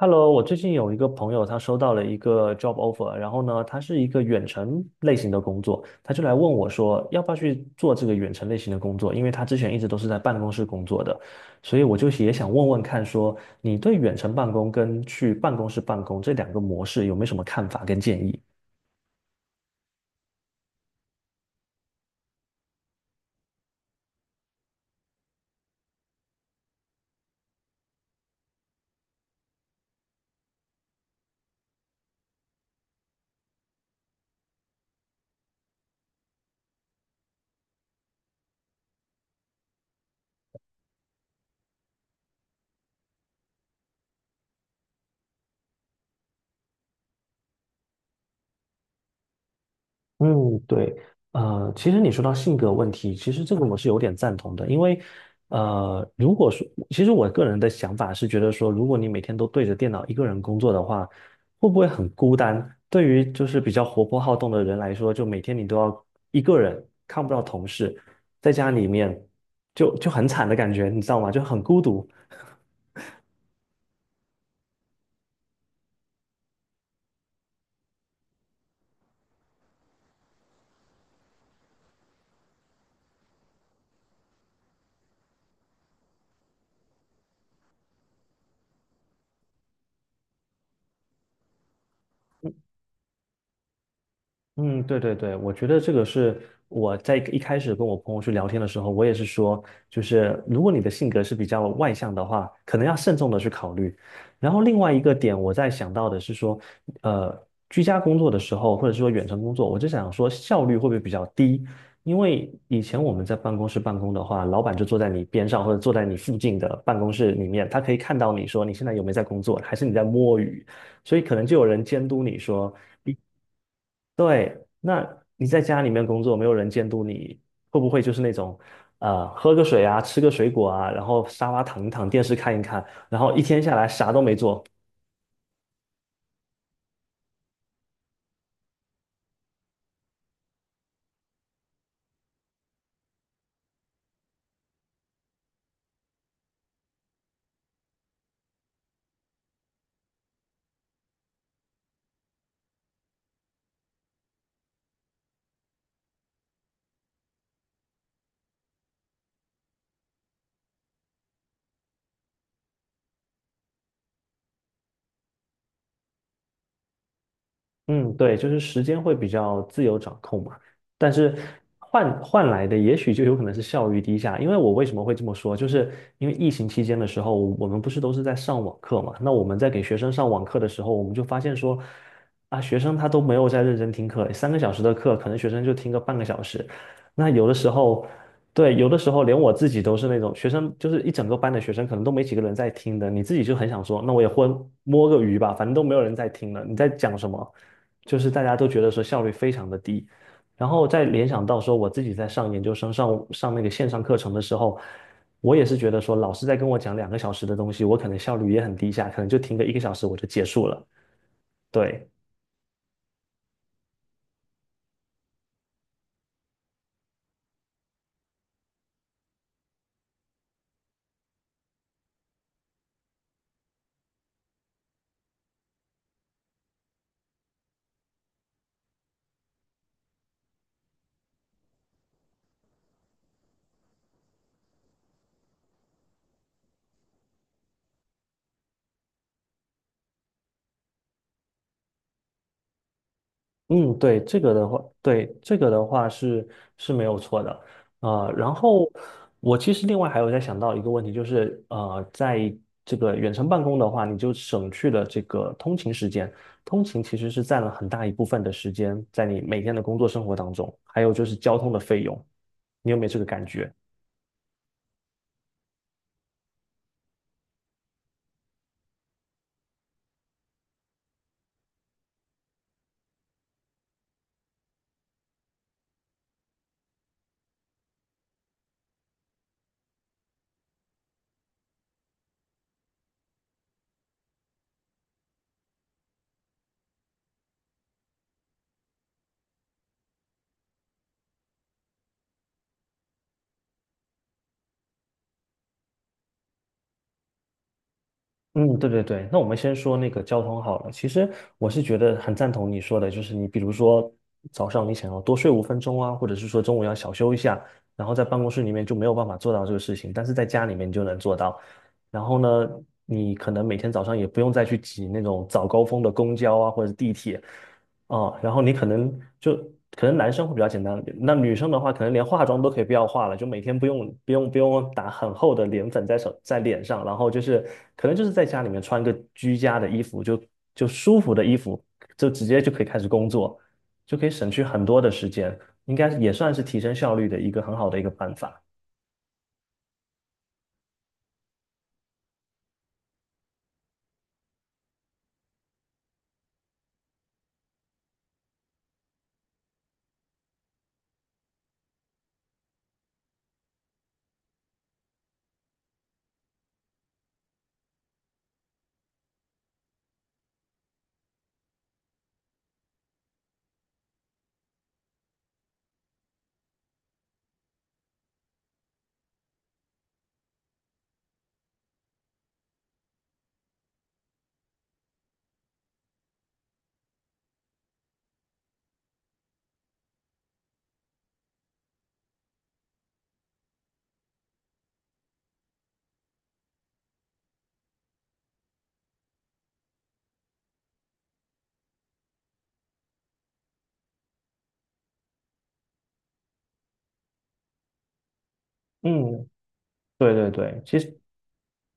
Hello，我最近有一个朋友，他收到了一个 job offer，然后呢，他是一个远程类型的工作，他就来问我说，要不要去做这个远程类型的工作？因为他之前一直都是在办公室工作的，所以我就也想问问看说，你对远程办公跟去办公室办公这两个模式有没有什么看法跟建议？嗯，对，其实你说到性格问题，其实这个我是有点赞同的，因为，如果说，其实我个人的想法是觉得说，如果你每天都对着电脑一个人工作的话，会不会很孤单？对于就是比较活泼好动的人来说，就每天你都要一个人，看不到同事，在家里面就很惨的感觉，你知道吗？就很孤独。嗯，对对对，我觉得这个是我在一开始跟我朋友去聊天的时候，我也是说，就是如果你的性格是比较外向的话，可能要慎重的去考虑。然后另外一个点，我在想到的是说，呃，居家工作的时候，或者是说远程工作，我就想说效率会不会比较低？因为以前我们在办公室办公的话，老板就坐在你边上或者坐在你附近的办公室里面，他可以看到你说你现在有没有在工作，还是你在摸鱼。所以可能就有人监督你说，对，那你在家里面工作，没有人监督你，会不会就是那种，喝个水啊，吃个水果啊，然后沙发躺一躺，电视看一看，然后一天下来啥都没做，嗯，对，就是时间会比较自由掌控嘛，但是换来的也许就有可能是效率低下。因为我为什么会这么说，就是因为疫情期间的时候，我们不是都是在上网课嘛？那我们在给学生上网课的时候，我们就发现说，啊，学生他都没有在认真听课，3个小时的课，可能学生就听个半个小时。那有的时候，对，有的时候连我自己都是那种学生，就是一整个班的学生，可能都没几个人在听的，你自己就很想说，那我也混摸个鱼吧，反正都没有人在听了，你在讲什么？就是大家都觉得说效率非常的低，然后再联想到说我自己在上研究生上那个线上课程的时候，我也是觉得说老师在跟我讲2个小时的东西，我可能效率也很低下，可能就听个一个小时我就结束了。对，嗯，对，这个的话，对，这个的话是没有错的，然后我其实另外还有在想到一个问题，就是在这个远程办公的话，你就省去了这个通勤时间，通勤其实是占了很大一部分的时间在你每天的工作生活当中，还有就是交通的费用，你有没有这个感觉？嗯，对对对，那我们先说那个交通好了。其实我是觉得很赞同你说的，就是你比如说早上你想要多睡5分钟啊，或者是说中午要小休一下，然后在办公室里面就没有办法做到这个事情，但是在家里面你就能做到。然后呢，你可能每天早上也不用再去挤那种早高峰的公交啊或者地铁，哦，然后你可能就可能男生会比较简单，那女生的话，可能连化妆都可以不要化了，就每天不用打很厚的脸粉在手在脸上，然后就是可能就是在家里面穿个居家的衣服，就舒服的衣服，就直接就可以开始工作，就可以省去很多的时间，应该也算是提升效率的一个很好的一个办法。嗯，对对对，其实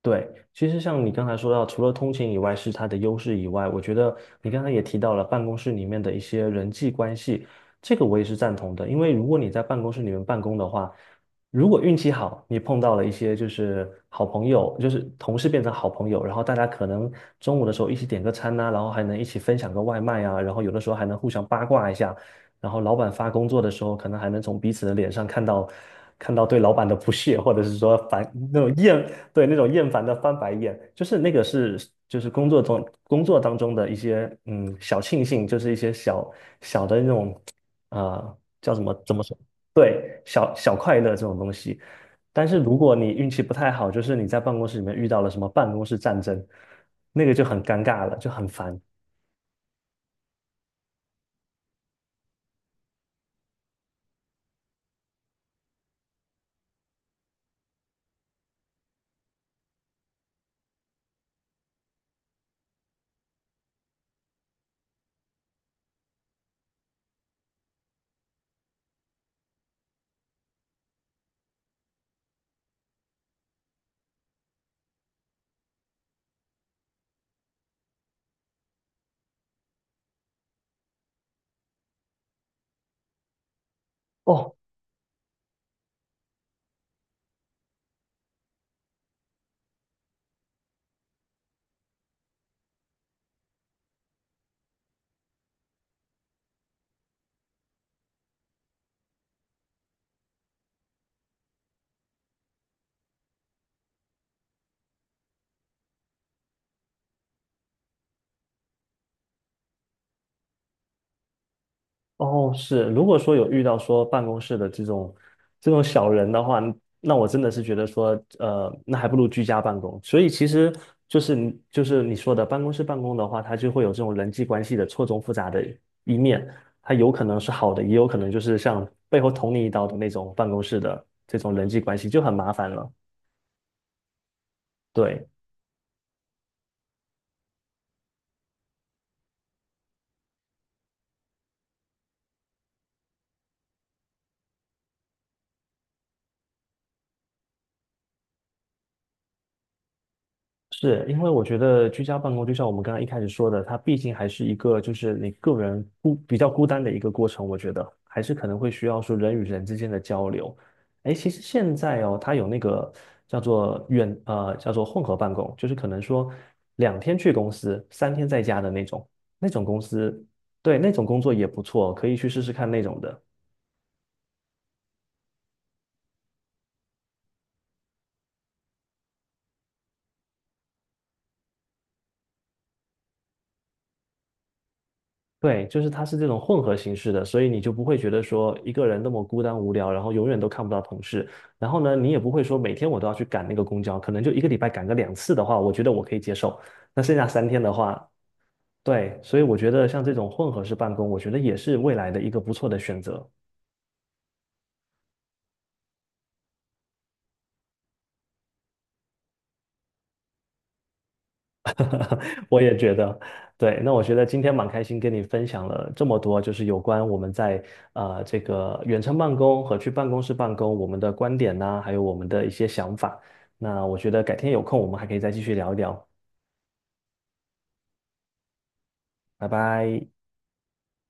对，其实像你刚才说到，除了通勤以外是它的优势以外，我觉得你刚才也提到了办公室里面的一些人际关系，这个我也是赞同的。因为如果你在办公室里面办公的话，如果运气好，你碰到了一些就是好朋友，就是同事变成好朋友，然后大家可能中午的时候一起点个餐呐、然后还能一起分享个外卖啊，然后有的时候还能互相八卦一下，然后老板发工作的时候，可能还能从彼此的脸上看到对老板的不屑，或者是说反那种厌对，那种厌烦的翻白眼，就是那个是就是工作当中的一些嗯小庆幸，就是一些小小的那种叫什么怎么说？对，小小快乐这种东西。但是如果你运气不太好，就是你在办公室里面遇到了什么办公室战争，那个就很尴尬了，就很烦。哦，哦，是，如果说有遇到说办公室的这种小人的话，那我真的是觉得说，那还不如居家办公。所以其实就是你说的办公室办公的话，它就会有这种人际关系的错综复杂的一面，它有可能是好的，也有可能就是像背后捅你一刀的那种办公室的这种人际关系就很麻烦了。对。是因为我觉得居家办公，就像我们刚刚一开始说的，它毕竟还是一个就是你个人孤比较孤单的一个过程。我觉得还是可能会需要说人与人之间的交流。哎，其实现在哦，它有那个叫做叫做混合办公，就是可能说2天去公司，三天在家的那种，那种公司，对，那种工作也不错，可以去试试看那种的。对，就是它是这种混合形式的，所以你就不会觉得说一个人那么孤单无聊，然后永远都看不到同事。然后呢，你也不会说每天我都要去赶那个公交，可能就一个礼拜赶个2次的话，我觉得我可以接受。那剩下三天的话，对，所以我觉得像这种混合式办公，我觉得也是未来的一个不错的选择。我也觉得，对。那我觉得今天蛮开心跟你分享了这么多，就是有关我们在这个远程办公和去办公室办公我们的观点呐、还有我们的一些想法。那我觉得改天有空我们还可以再继续聊一聊。拜拜。